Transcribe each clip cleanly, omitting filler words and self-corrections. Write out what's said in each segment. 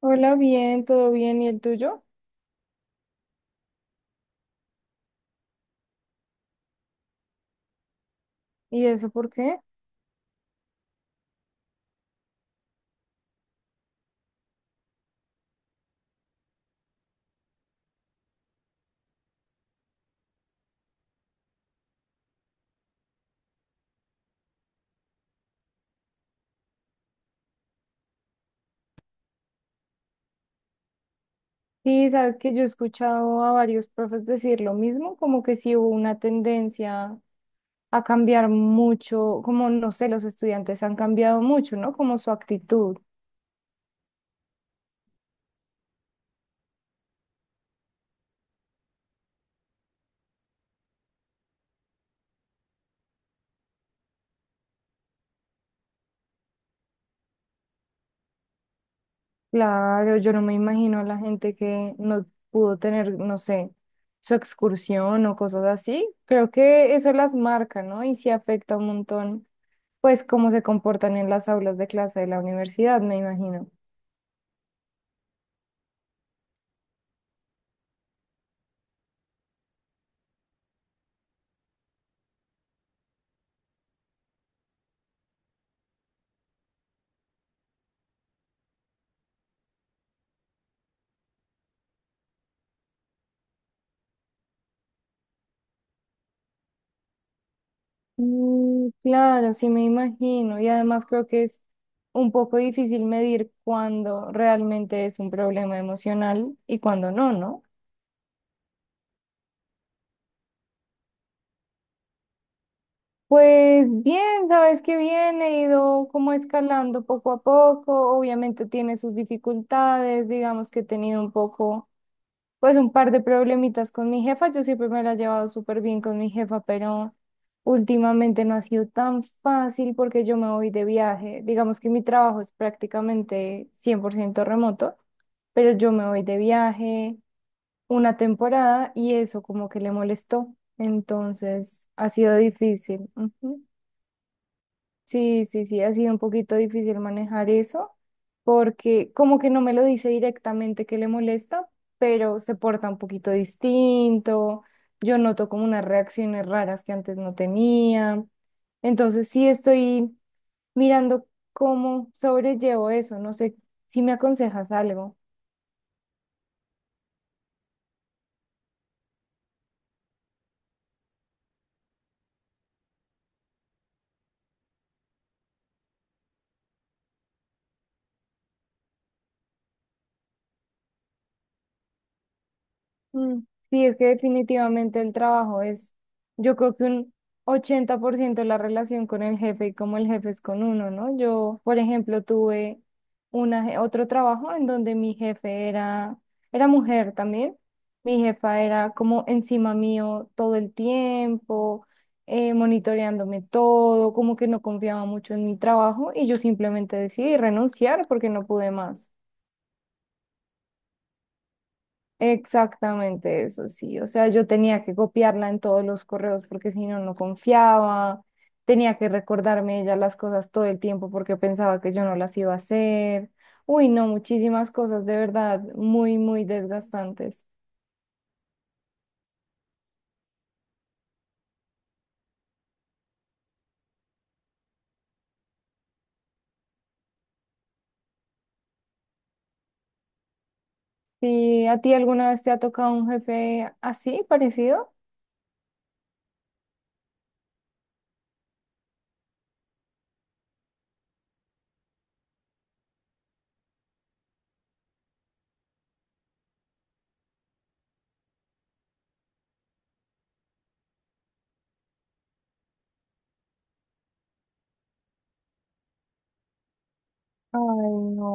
Hola, bien, todo bien, ¿y el tuyo? ¿Y eso por qué? Sí, sabes que yo he escuchado a varios profes decir lo mismo, como que sí hubo una tendencia a cambiar mucho, como no sé, los estudiantes han cambiado mucho, ¿no? Como su actitud. Claro, yo no me imagino a la gente que no pudo tener, no sé, su excursión o cosas así. Creo que eso las marca, ¿no? Y sí afecta un montón, pues, cómo se comportan en las aulas de clase de la universidad, me imagino. Mm, claro, sí me imagino. Y además creo que es un poco difícil medir cuándo realmente es un problema emocional y cuándo no, ¿no? Pues bien, sabes que bien, he ido como escalando poco a poco. Obviamente tiene sus dificultades, digamos que he tenido un poco, pues un par de problemitas con mi jefa. Yo siempre me la he llevado súper bien con mi jefa, pero últimamente no ha sido tan fácil porque yo me voy de viaje. Digamos que mi trabajo es prácticamente 100% remoto, pero yo me voy de viaje una temporada y eso como que le molestó. Entonces ha sido difícil. Ujú. Sí, sí, sí, ha sido un poquito difícil manejar eso porque como que no me lo dice directamente que le molesta, pero se porta un poquito distinto, yo noto como unas reacciones raras que antes no tenía, entonces sí estoy mirando cómo sobrellevo eso, no sé si me aconsejas algo. Mm, sí, es que definitivamente el trabajo es, yo creo que un 80% la relación con el jefe y cómo el jefe es con uno, ¿no? Yo, por ejemplo, tuve otro trabajo en donde mi jefe era, era mujer también. Mi jefa era como encima mío todo el tiempo, monitoreándome todo, como que no confiaba mucho en mi trabajo y yo simplemente decidí renunciar porque no pude más. Exactamente eso, sí. O sea, yo tenía que copiarla en todos los correos porque si no, no confiaba. Tenía que recordarme ella las cosas todo el tiempo porque pensaba que yo no las iba a hacer. Uy, no, muchísimas cosas, de verdad, muy, muy desgastantes. ¿Y a ti alguna vez te ha tocado un jefe así, parecido? Ay, no.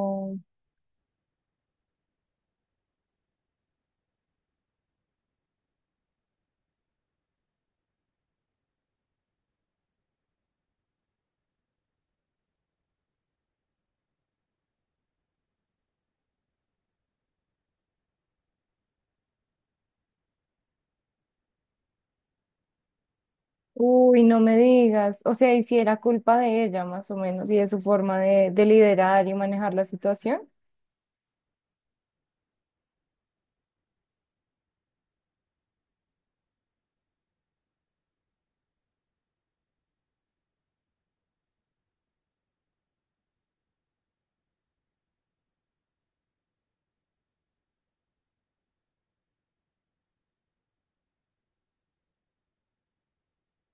Uy, no me digas. O sea, y si era culpa de ella, más o menos, y de su forma de liderar y manejar la situación.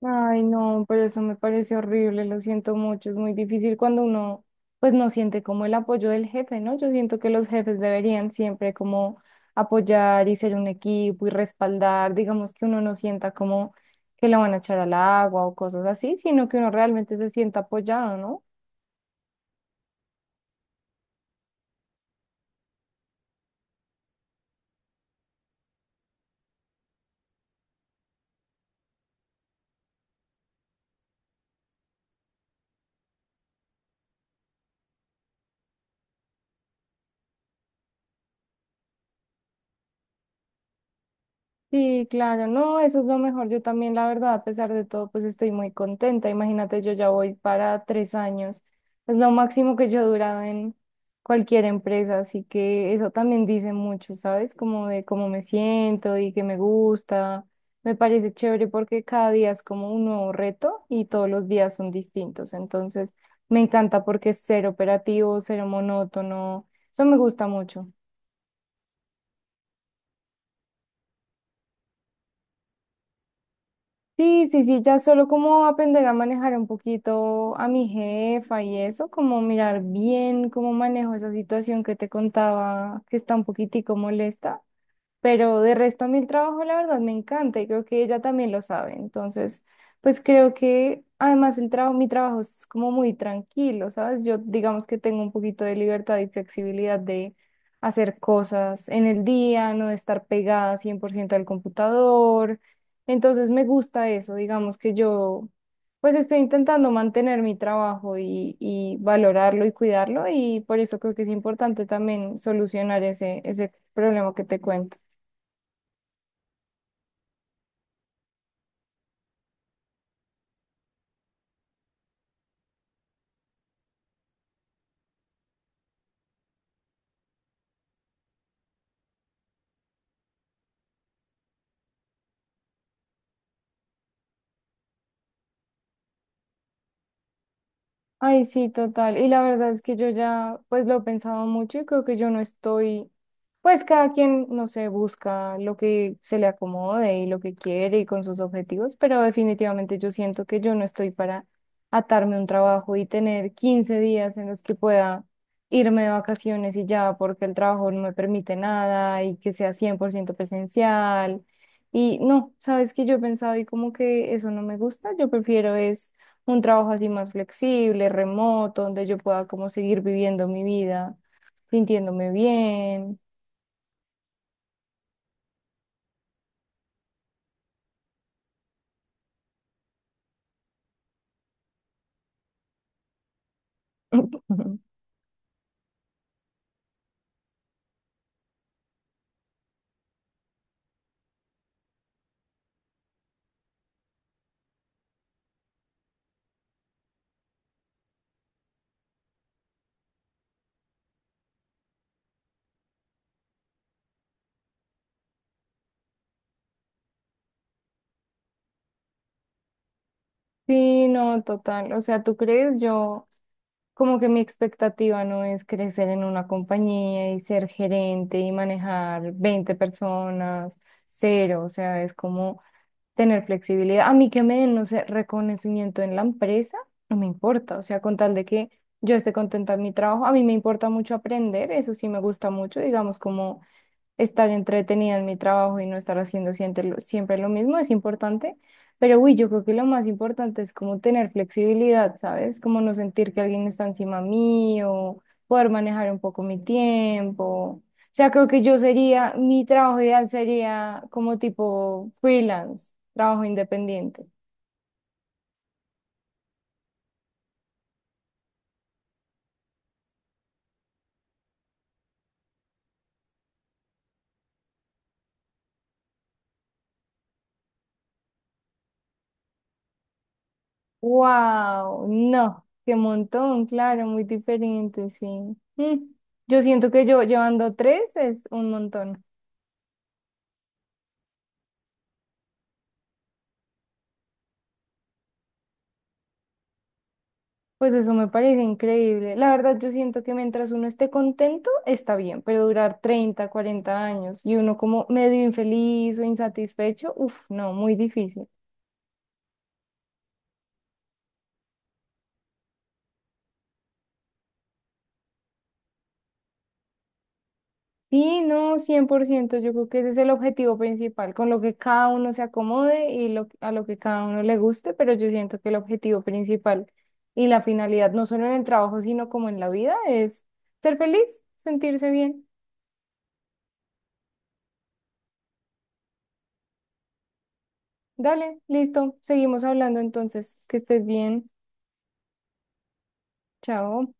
Ay, no, pero eso me parece horrible, lo siento mucho, es muy difícil cuando uno pues no siente como el apoyo del jefe, ¿no? Yo siento que los jefes deberían siempre como apoyar y ser un equipo y respaldar, digamos que uno no sienta como que lo van a echar al agua o cosas así, sino que uno realmente se sienta apoyado, ¿no? Sí, claro, no, eso es lo mejor. Yo también, la verdad, a pesar de todo, pues estoy muy contenta. Imagínate, yo ya voy para 3 años. Es lo máximo que yo he durado en cualquier empresa, así que eso también dice mucho, ¿sabes? Como de cómo me siento y que me gusta. Me parece chévere porque cada día es como un nuevo reto y todos los días son distintos. Entonces, me encanta porque es ser operativo, ser monótono. Eso me gusta mucho. Sí, sí, sí, ya solo como aprender a manejar un poquito a mi jefa y eso, como mirar bien cómo manejo esa situación que te contaba, que está un poquitico molesta. Pero de resto a mí el trabajo, la verdad, me encanta y creo que ella también lo sabe. Entonces, pues creo que además el trabajo, mi trabajo es como muy tranquilo, ¿sabes? Yo digamos que tengo un poquito de libertad y flexibilidad de hacer cosas en el día, no de estar pegada 100% al computador. Entonces me gusta eso, digamos que yo pues estoy intentando mantener mi trabajo y valorarlo y cuidarlo y por eso creo que es importante también solucionar ese problema que te cuento. Ay, sí, total. Y la verdad es que yo ya pues lo he pensado mucho y creo que yo no estoy, pues cada quien, no sé, busca lo que se le acomode y lo que quiere y con sus objetivos, pero definitivamente yo siento que yo no estoy para atarme a un trabajo y tener 15 días en los que pueda irme de vacaciones y ya, porque el trabajo no me permite nada y que sea 100% presencial. Y no, sabes que yo he pensado y como que eso no me gusta, yo prefiero es un trabajo así más flexible, remoto, donde yo pueda como seguir viviendo mi vida, sintiéndome bien. Sí, no, total. O sea, ¿tú crees? Yo, como que mi expectativa no es crecer en una compañía y ser gerente y manejar 20 personas, cero. O sea, es como tener flexibilidad. A mí que me den, no sé, reconocimiento en la empresa, no me importa. O sea, con tal de que yo esté contenta en mi trabajo, a mí me importa mucho aprender, eso sí me gusta mucho, digamos, como estar entretenida en mi trabajo y no estar haciendo siempre lo mismo es importante, pero uy, yo creo que lo más importante es como tener flexibilidad, ¿sabes? Como no sentir que alguien está encima mío, poder manejar un poco mi tiempo. O sea, creo que yo sería, mi trabajo ideal sería como tipo freelance, trabajo independiente. Wow, no, qué montón, claro, muy diferente, sí. Mm, yo siento que yo llevando tres es un montón. Pues eso me parece increíble. La verdad, yo siento que mientras uno esté contento, está bien, pero durar 30, 40 años y uno como medio infeliz o insatisfecho, uff, no, muy difícil. Sí, no, 100%. Yo creo que ese es el objetivo principal, con lo que cada uno se acomode y lo, a lo que cada uno le guste, pero yo siento que el objetivo principal y la finalidad, no solo en el trabajo, sino como en la vida, es ser feliz, sentirse bien. Dale, listo, seguimos hablando entonces, que estés bien, chao.